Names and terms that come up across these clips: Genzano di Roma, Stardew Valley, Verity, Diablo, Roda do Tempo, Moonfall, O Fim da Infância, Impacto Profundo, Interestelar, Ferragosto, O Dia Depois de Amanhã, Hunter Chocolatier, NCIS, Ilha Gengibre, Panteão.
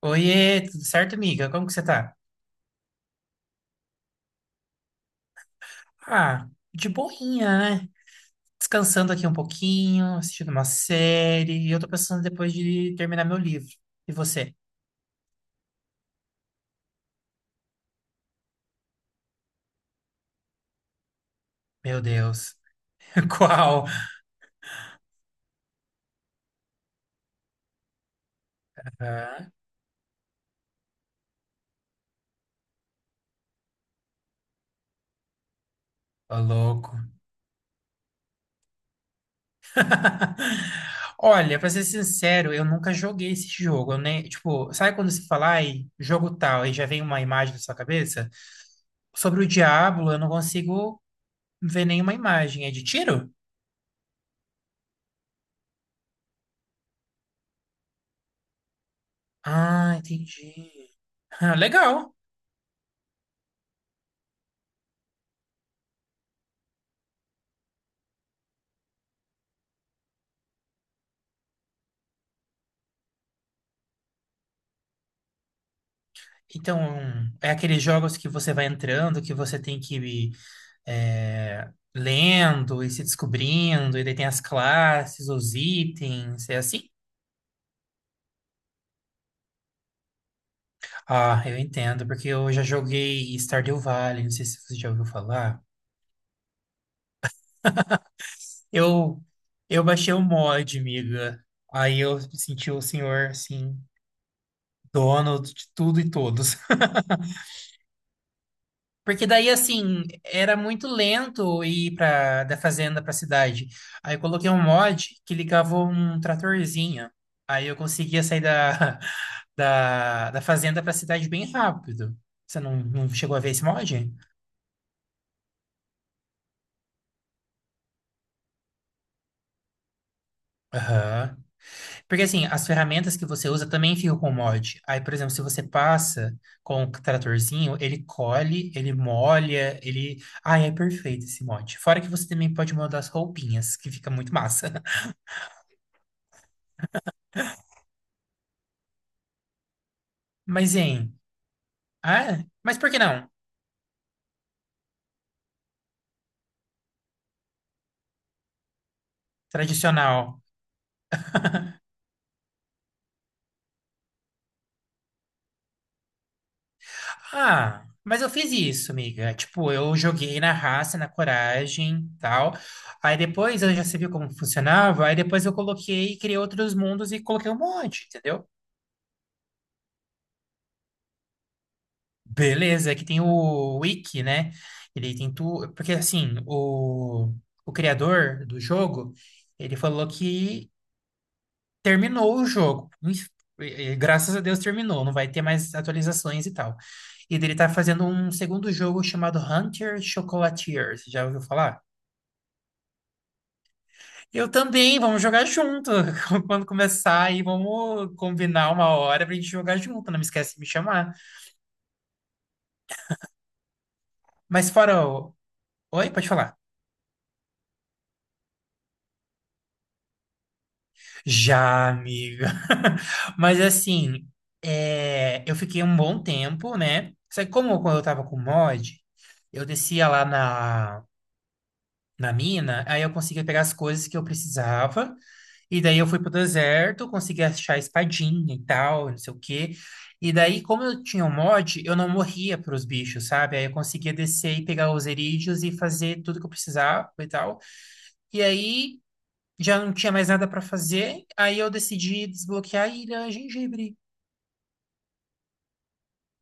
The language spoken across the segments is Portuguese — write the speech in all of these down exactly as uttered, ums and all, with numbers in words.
Oiê, tudo certo, amiga? Como que você tá? Ah, de boinha, né? Descansando aqui um pouquinho, assistindo uma série, e eu tô pensando depois de terminar meu livro. E você? Meu Deus. Qual? Ah, Ô, louco. Olha, pra ser sincero, eu nunca joguei esse jogo, né? Tipo, sabe quando se fala, ai, jogo tal, e já vem uma imagem na sua cabeça? Sobre o Diablo, eu não consigo ver nenhuma imagem. É de tiro? Ah, entendi. Ah, legal. Então, é aqueles jogos que você vai entrando, que você tem que ir é, lendo e se descobrindo, e daí tem as classes, os itens, é assim? Ah, eu entendo, porque eu já joguei Stardew Valley, não sei se você já ouviu falar. Eu, eu baixei o mod, amiga. Aí eu me senti o senhor, assim, dono de tudo e todos. Porque daí, assim, era muito lento ir pra, da fazenda pra cidade. Aí eu coloquei um mod que ligava um tratorzinho. Aí eu conseguia sair da, da, da fazenda pra cidade bem rápido. Você não, não chegou a ver esse mod? Aham. Porque, assim, as ferramentas que você usa também ficam com o mod. Aí, por exemplo, se você passa com o tratorzinho, ele colhe, ele molha, ele... Ai, é perfeito esse mod. Fora que você também pode mudar as roupinhas, que fica muito massa. Mas, hein... Ah, é? Mas por que não? Tradicional. Ah, mas eu fiz isso, amiga. Tipo, eu joguei na raça, na coragem, tal. Aí depois eu já sabia como funcionava. Aí depois eu coloquei, criei outros mundos e coloquei um monte, entendeu? Beleza, aqui tem o Wiki, né? Ele tem tudo. Porque assim, o, o criador do jogo, ele falou que terminou o jogo. e- e graças a Deus terminou, não vai ter mais atualizações e tal. E dele tá fazendo um segundo jogo chamado Hunter Chocolatier. Você já ouviu falar? Eu também, vamos jogar junto. Quando começar aí, vamos combinar uma hora pra gente jogar junto. Não me esquece de me chamar. Mas fora o... Oi, pode falar. Já, amiga. Mas assim, é, eu fiquei um bom tempo, né? Só que como eu quando eu tava com mod, eu descia lá na na mina, aí eu consegui pegar as coisas que eu precisava. E daí eu fui pro deserto, consegui achar a espadinha e tal, não sei o quê. E daí, como eu tinha um mod, eu não morria pros bichos, sabe? Aí eu conseguia descer e pegar os erídeos e fazer tudo que eu precisava e tal. E aí já não tinha mais nada pra fazer, aí eu decidi desbloquear a Ilha Gengibre.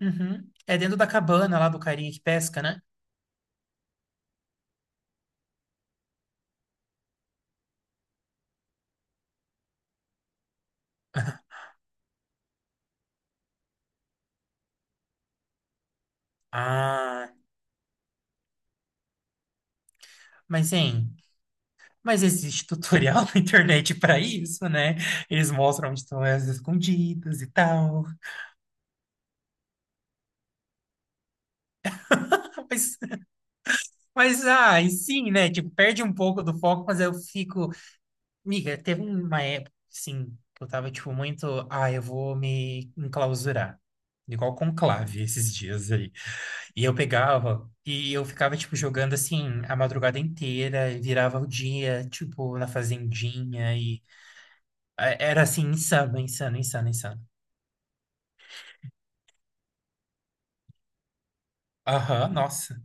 Uhum. É dentro da cabana lá do carinha que pesca, né? Ah, mas hein. Mas existe tutorial na internet para isso, né? Eles mostram onde estão as escondidas e tal. Mas, mas ah, e sim, né? Tipo, perde um pouco do foco, mas eu fico. Miga, teve uma época, sim, que eu tava, tipo, muito. Ah, eu vou me enclausurar. Igual conclave esses dias aí. E eu pegava e eu ficava, tipo, jogando assim a madrugada inteira e virava o dia, tipo, na fazendinha e. é, Era assim, insano, insano, insano, insano. Aham, nossa.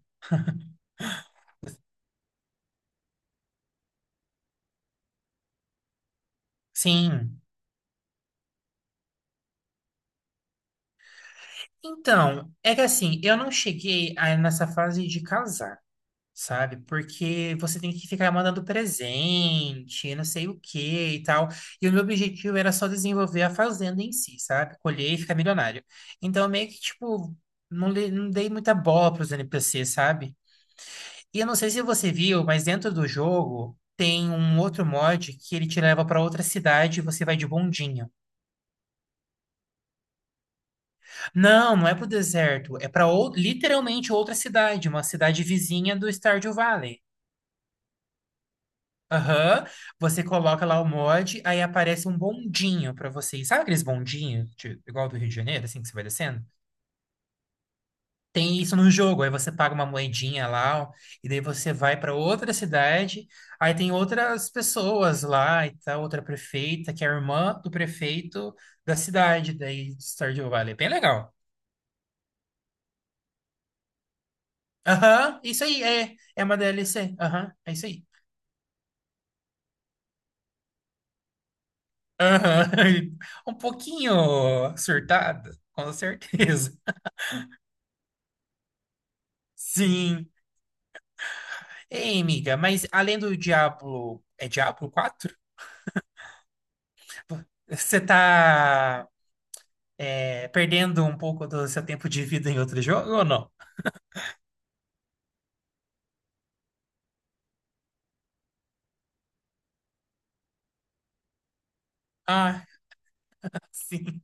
Sim. Então, é que assim, eu não cheguei a nessa fase de casar, sabe? Porque você tem que ficar mandando presente, não sei o quê e tal. E o meu objetivo era só desenvolver a fazenda em si, sabe? Colher e ficar milionário. Então, meio que, tipo, não, le- não dei muita bola para os N P Cs, sabe? E eu não sei se você viu, mas dentro do jogo tem um outro mod que ele te leva para outra cidade e você vai de bondinho. Não, não é pro deserto. É para literalmente outra cidade, uma cidade vizinha do Stardew Valley. Aham. Você coloca lá o mod, aí aparece um bondinho para você. Sabe aqueles bondinhos, de- igual do Rio de Janeiro, assim, que você vai descendo? Tem isso no jogo. Aí você paga uma moedinha lá, ó, e daí você vai para outra cidade. Aí tem outras pessoas lá, e tá outra prefeita, que é a irmã do prefeito da cidade, daí do Stardew Valley. É bem legal. Aham, isso aí, é. É uma D L C. Aham, é isso aí. Aham. Um pouquinho surtada, com certeza. Sim. Ei, amiga, mas além do Diablo, é Diablo quatro. Tipo, você tá é, perdendo um pouco do seu tempo de vida em outro jogo ou não? Ah, sim.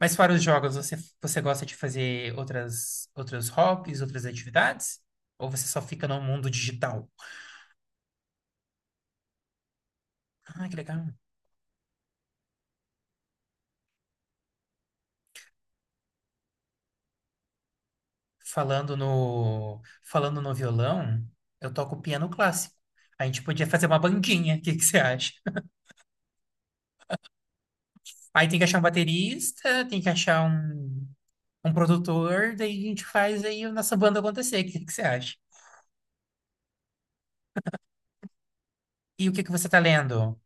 Mas fora os jogos, você, você gosta de fazer outras, outros hobbies, outras atividades? Ou você só fica no mundo digital? Ah, que legal. Falando no, falando no violão, eu toco piano clássico. A gente podia fazer uma bandinha, o que que você acha? Aí tem que achar um baterista, tem que achar um, um produtor, daí a gente faz aí a nossa banda acontecer, o que que você acha? E o que que você tá lendo?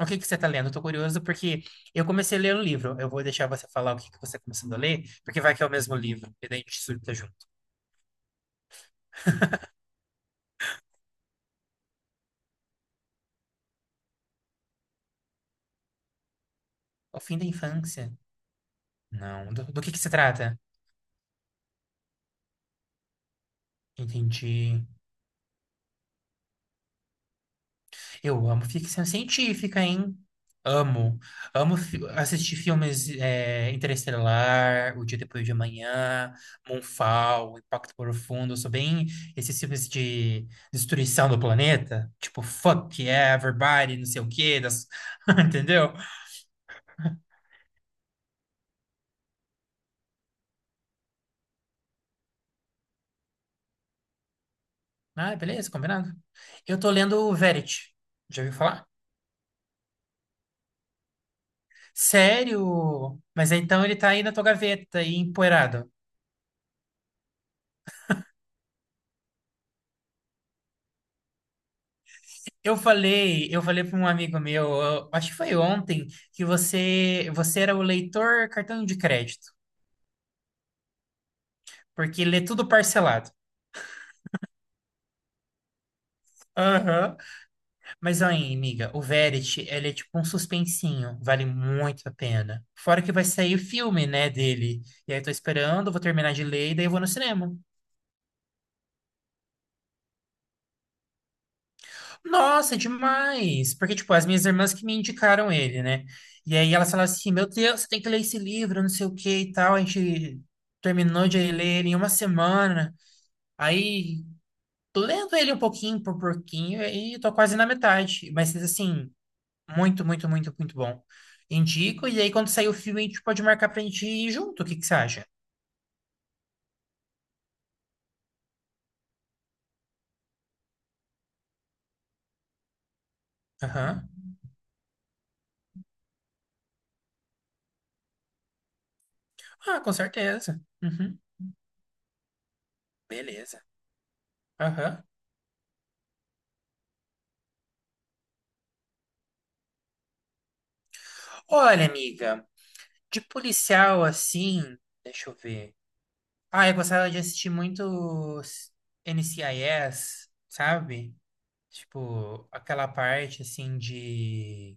O que que você tá lendo? Eu tô curioso porque eu comecei a ler o livro. Eu vou deixar você falar o que que você tá começando a ler, porque vai que é o mesmo livro, e daí a gente surta junto. O fim da infância? Não. Do, do que que se trata? Entendi. Eu amo ficção científica, hein? Amo. Amo fi- assistir filmes é, Interestelar, O Dia Depois de Amanhã, Moonfall, Impacto Profundo. Eu sou bem esses filmes de destruição do planeta. Tipo, fuck yeah, everybody, não sei o quê. Das... Entendeu? Ah, beleza, combinado. Eu tô lendo o Verity. Já ouviu falar? Sério? Mas então ele tá aí na tua gaveta, aí empoeirado. Eu falei, eu falei para um amigo meu, eu acho que foi ontem, que você, você era o leitor cartão de crédito, porque lê tudo parcelado. Aham. Mas aí, amiga, o Verity, ele é tipo um suspensinho, vale muito a pena. Fora que vai sair o filme, né, dele. E aí eu tô esperando, vou terminar de ler e daí eu vou no cinema. Nossa, demais! Porque, tipo, as minhas irmãs que me indicaram ele, né? E aí elas falaram assim: meu Deus, você tem que ler esse livro, não sei o que e tal. A gente terminou de ler ele em uma semana. Aí tô lendo ele um pouquinho por pouquinho e tô quase na metade. Mas, assim, muito, muito, muito, muito bom. Indico. E aí, quando sair o filme, a gente pode marcar pra gente ir junto. O que que você acha? Aham. Ah, com certeza. Uhum. Beleza. Aham. Olha, amiga, de policial assim. Deixa eu ver. Ah, eu gostava de assistir muito s- N C I S, sabe? Tipo, aquela parte assim de,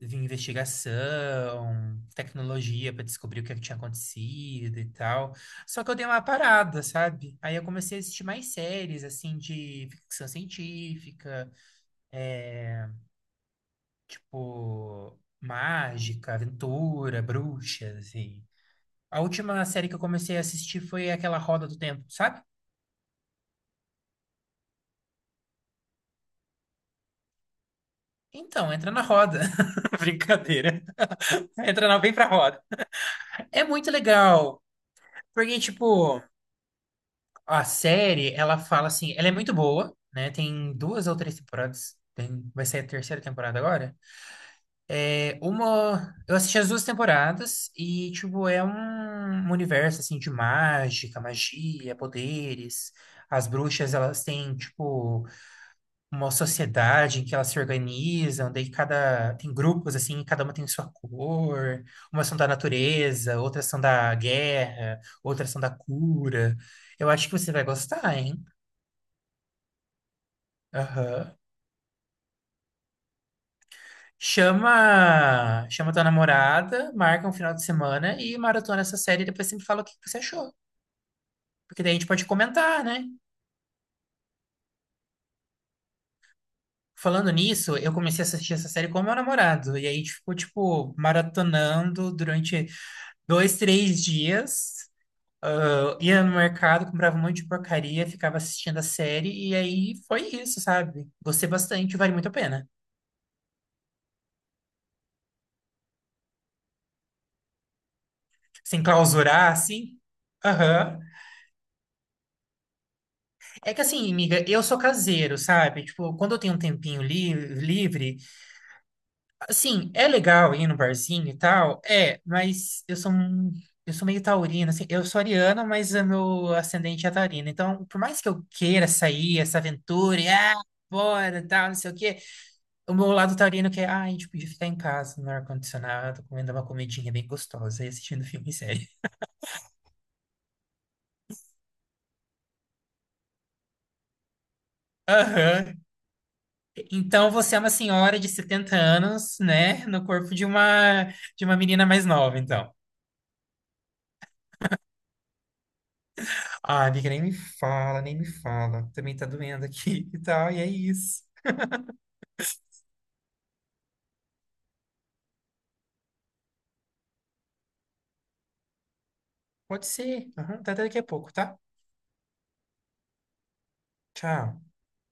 de investigação, tecnologia para descobrir o que, é que tinha acontecido e tal. Só que eu dei uma parada, sabe? Aí eu comecei a assistir mais séries assim de ficção científica, é, tipo mágica, aventura, bruxas e a última série que eu comecei a assistir foi aquela Roda do Tempo, sabe? Então, entra na roda. Brincadeira. Entra na, vem pra roda. É muito legal, porque, tipo, a série, ela fala assim, ela é muito boa, né? Tem duas ou três temporadas. Tem, vai ser a terceira temporada agora. É uma, eu assisti as duas temporadas e, tipo, é um, um universo, assim, de mágica, magia, poderes. As bruxas, elas têm, tipo, uma sociedade em que elas se organizam, daí cada tem grupos assim, cada uma tem sua cor, umas são da natureza, outras são da guerra, outras são da cura. Eu acho que você vai gostar, hein? Aham. Chama, chama tua namorada, marca um final de semana e maratona essa série e depois sempre fala o que que você achou. Porque daí a gente pode comentar, né? Falando nisso, eu comecei a assistir essa série com meu namorado. E aí a gente ficou, tipo, maratonando durante dois, três dias. Eu ia no mercado, comprava um monte de porcaria, ficava assistindo a série, e aí foi isso, sabe? Gostei bastante, vale muito a pena. Sem clausurar, assim. Aham. É que assim, amiga, eu sou caseiro, sabe? Tipo, quando eu tenho um tempinho li- livre, assim, é legal ir no barzinho e tal, é, mas eu sou um- eu sou meio taurina, assim, eu sou ariana, mas é meu ascendente é taurino. Então, por mais que eu queira sair, essa aventura, e ah, bora, tal, não sei o quê. O meu lado taurino que é, ah, a gente podia ficar em casa, no ar-condicionado, comendo uma comidinha bem gostosa e assistindo filme e série. Aham. Então você é uma senhora de setenta anos, né? No corpo de uma de uma menina mais nova, então. Ah, amiga, nem me fala, nem me fala. Também tá doendo aqui e tal, e é isso. Pode ser. Aham, tá até daqui a pouco, tá? Tchau.